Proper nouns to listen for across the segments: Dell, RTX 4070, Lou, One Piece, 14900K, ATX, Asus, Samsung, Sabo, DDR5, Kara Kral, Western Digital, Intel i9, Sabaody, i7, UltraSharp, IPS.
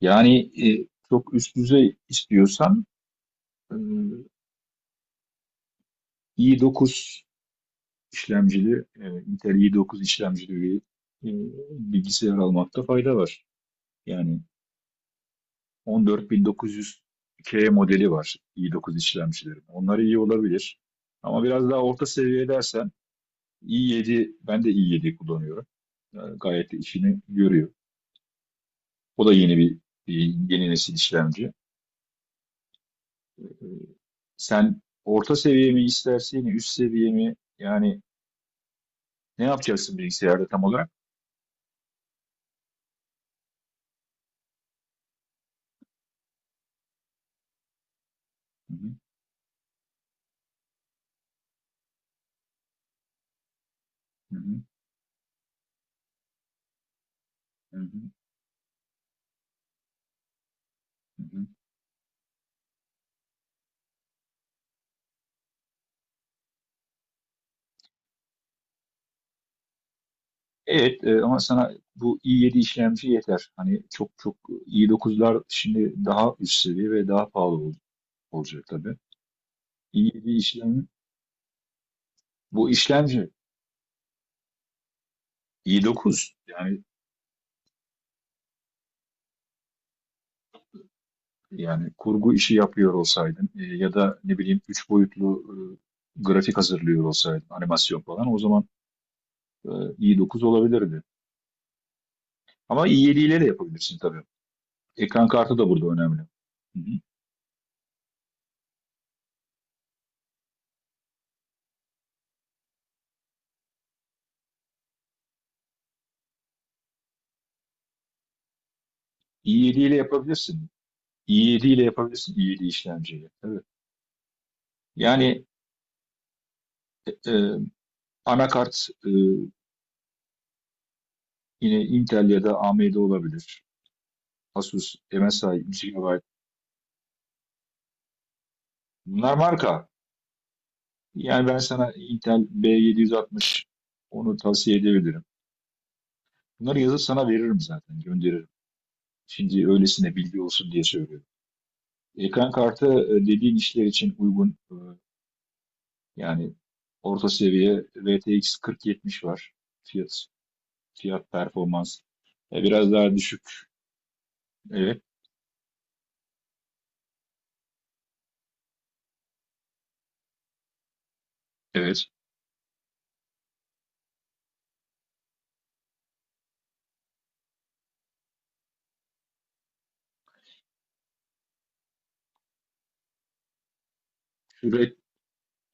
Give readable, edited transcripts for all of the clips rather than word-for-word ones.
Yani çok üst düzey istiyorsan e, i9 işlemcili, Intel i9 işlemcili bir e, bilgisayar almakta fayda var. Yani 14900K modeli var i9 işlemcilerin. Onlar iyi olabilir. Ama biraz daha orta seviye dersen i7, ben de i7 kullanıyorum. Gayet de işini görüyor. O da yeni bir e, yeni nesil işlemci. Ee, Sen orta seviye mi istersin, üst seviye mi? Yani ne yapacaksın bilgisayarda tam olarak? Hı hı, hı hı, hı hı, hı hı. Evet, ama sana bu i7 işlemci yeter. Hani çok çok i9'lar şimdi daha üst seviye ve daha pahalı olacak tabii. i7 işlem Bu işlemci i9, yani kurgu işi yapıyor olsaydın, ya da ne bileyim 3 boyutlu grafik hazırlıyor olsaydın, animasyon falan, o zaman e, i9 olabilirdi. Ama i7 ile de yapabilirsin tabii. Ekran kartı da burada önemli. Hı hı. i7 ile yapabilirsin. i7 ile yapabilirsin, i7 işlemciyle. Evet. Yani e, e, anakart yine Intel ya da AMD olabilir. Asus, MSI, 100 GB. Bunlar marka. Yani ben sana Intel B760, onu tavsiye edebilirim. Bunları yazıp sana veririm zaten, gönderirim. Şimdi öylesine bilgi olsun diye söylüyorum. Ekran kartı dediğin işler için uygun. Yani Orta seviye RTX 4070 var. Fiyat Fiyat performans. Biraz daha düşük. Evet, evet. Şu re-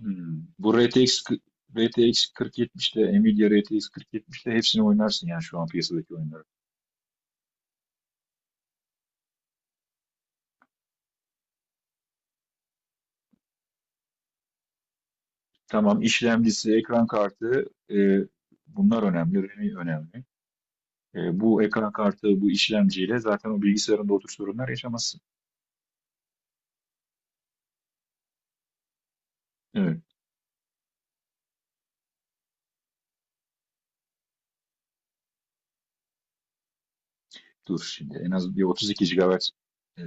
Hmm. RTX 4070'te, Nvidia RTX 4070'te hepsini oynarsın yani, şu an piyasadaki oyunları. Tamam, işlemcisi, ekran kartı, e, bunlar önemli, RAM'i önemli. Bu ekran kartı, bu işlemciyle zaten o bilgisayarında o tür sorunlar yaşamazsın. Evet. Dur şimdi, en az bir 32 GB e,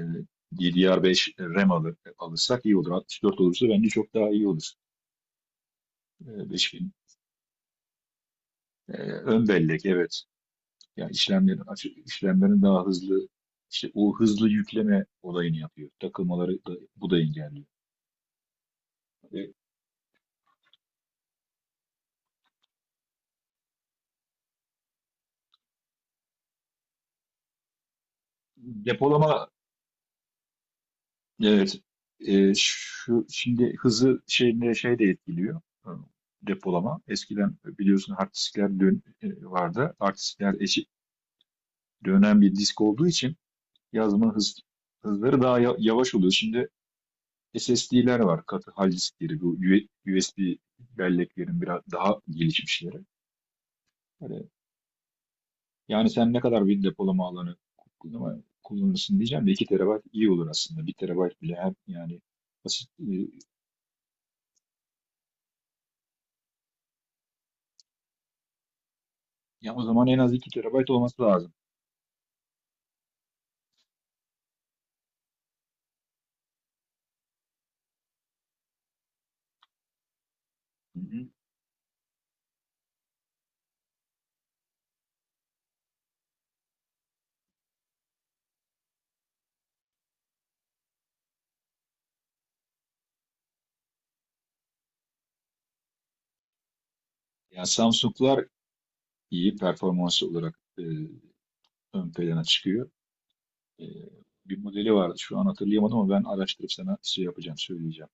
DDR5 RAM alırsak iyi olur. 64 olursa bence çok daha iyi olur. 5000, ön bellek, evet. Yani işlemlerin daha hızlı, işte o hızlı yükleme olayını yapıyor. Takılmaları da, bu da engelliyor. E, depolama, evet. Şu, şimdi hızı şeyine şey de etkiliyor. Depolama. Eskiden biliyorsun hard diskler vardı. Hard diskler eşi, dönen bir disk olduğu için yazma hızları daha yavaş oluyor. Şimdi SSD'ler var, katı hal diskleri, bu USB belleklerin biraz daha gelişmişleri. Hani, yani sen ne kadar bir depolama alanı kullanırsın diyeceğim de, 2 TB iyi olur aslında. 1 TB bile, hem yani basit, ya o zaman en az 2 TB olması lazım. Hı hı. Ya Samsung'lar iyi performans olarak ön plana çıkıyor. E, Bir modeli vardı, şu an hatırlayamadım, ama ben araştırıp sana şey yapacağım, söyleyeceğim.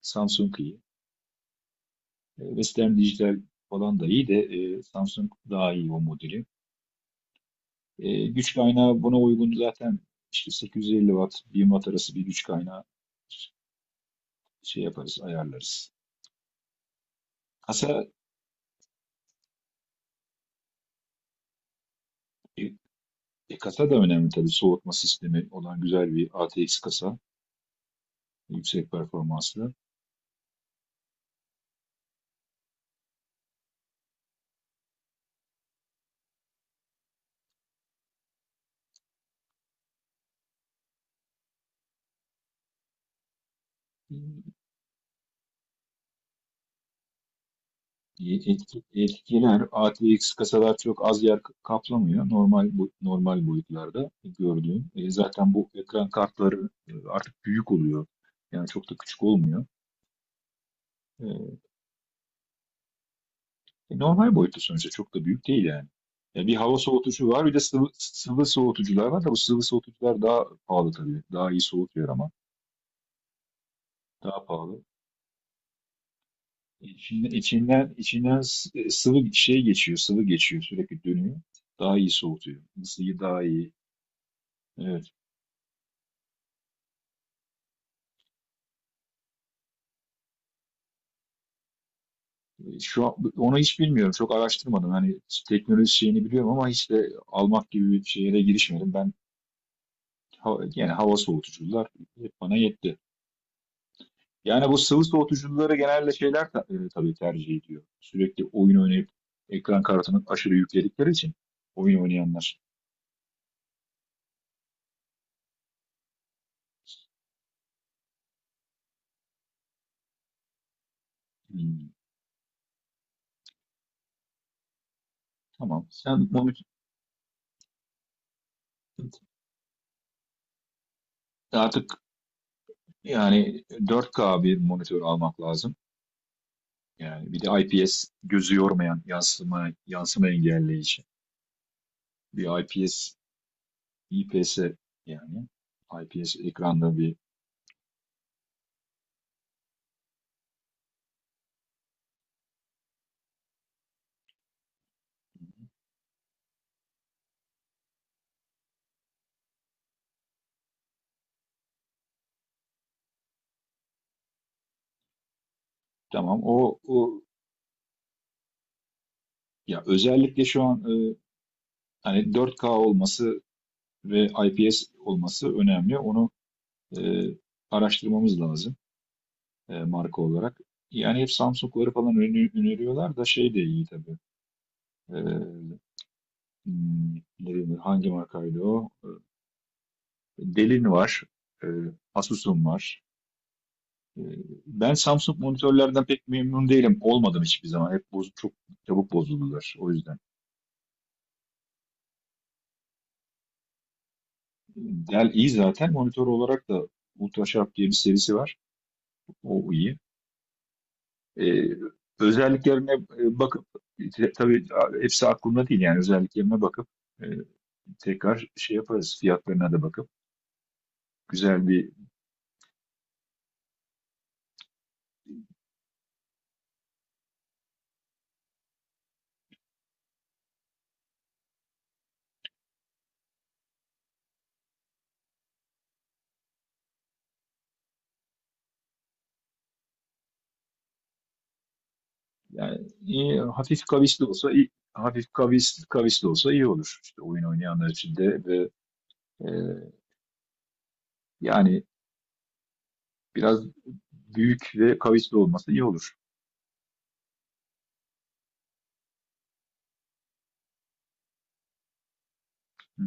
Samsung iyi. E, Western Digital falan da iyi de, Samsung daha iyi o modeli. E, güç kaynağı buna uygun zaten, işte 850 watt 1000 watt arası bir güç kaynağı, şey yaparız, ayarlarız. Kasa, e, kasa da önemli tabii, soğutma sistemi olan güzel bir ATX kasa, yüksek performanslı. Etki, etkiler ATX kasalar çok az yer kaplamıyor, normal normal boyutlarda gördüğüm. Zaten bu ekran kartları artık büyük oluyor. Yani çok da küçük olmuyor. E, Normal boyutta, sonuçta çok da büyük değil yani. E, bir hava soğutucu var, bir de sıvı soğutucular var da, bu sıvı soğutucular daha pahalı tabii. Daha iyi soğutuyor ama daha pahalı. E, İçinden, sıvı şey geçiyor, sıvı geçiyor, sürekli dönüyor. Daha iyi soğutuyor. Isıyı daha iyi. Evet. Şu an, onu hiç bilmiyorum. Çok araştırmadım. Hani teknoloji şeyini biliyorum ama hiç de almak gibi bir şeye girişmedim. Ben hava, yani hava soğutucular hep bana yetti. Yani bu sıvı soğutucuları genelde şeyler tabii tercih ediyor. Sürekli oyun oynayıp ekran kartını aşırı yükledikleri için, oyun oynayanlar. Hmm, tamam. Sen monitör, artık yani 4K bir monitör almak lazım. Yani bir de IPS, gözü yormayan, yansıma engelleyici bir IPS. IPS yani IPS Ekranda bir... tamam o o Ya özellikle şu an, hani 4K olması ve IPS olması önemli. Onu e, araştırmamız lazım, marka olarak. Yani hep Samsung'ları falan öneriyorlar da, şey de iyi tabii. E, hmm, ne bileyim, hangi markaydı o? E, Delin var. e, Asus'un var. Ee, Ben Samsung monitörlerden pek memnun değilim. Olmadım hiçbir zaman. Hep çok çabuk bozuldular. O yüzden. Dell iyi zaten. Monitör olarak da UltraSharp diye bir serisi var. O iyi. Ee, özelliklerine bakıp, tabii hepsi aklımda değil, yani özelliklerine bakıp e, tekrar şey yaparız. Fiyatlarına da bakıp güzel bir... Yani iyi, hafif kavisli olsa iyi, kavisli olsa iyi olur. İşte oyun oynayanlar için de, ve e, yani biraz büyük ve kavisli olması iyi olur. Hı.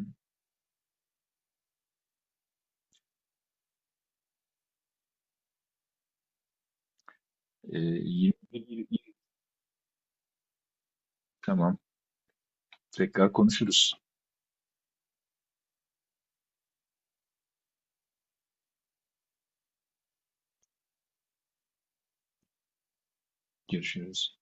Ee, yirmi bir- tamam. Tekrar konuşuruz. Görüşürüz.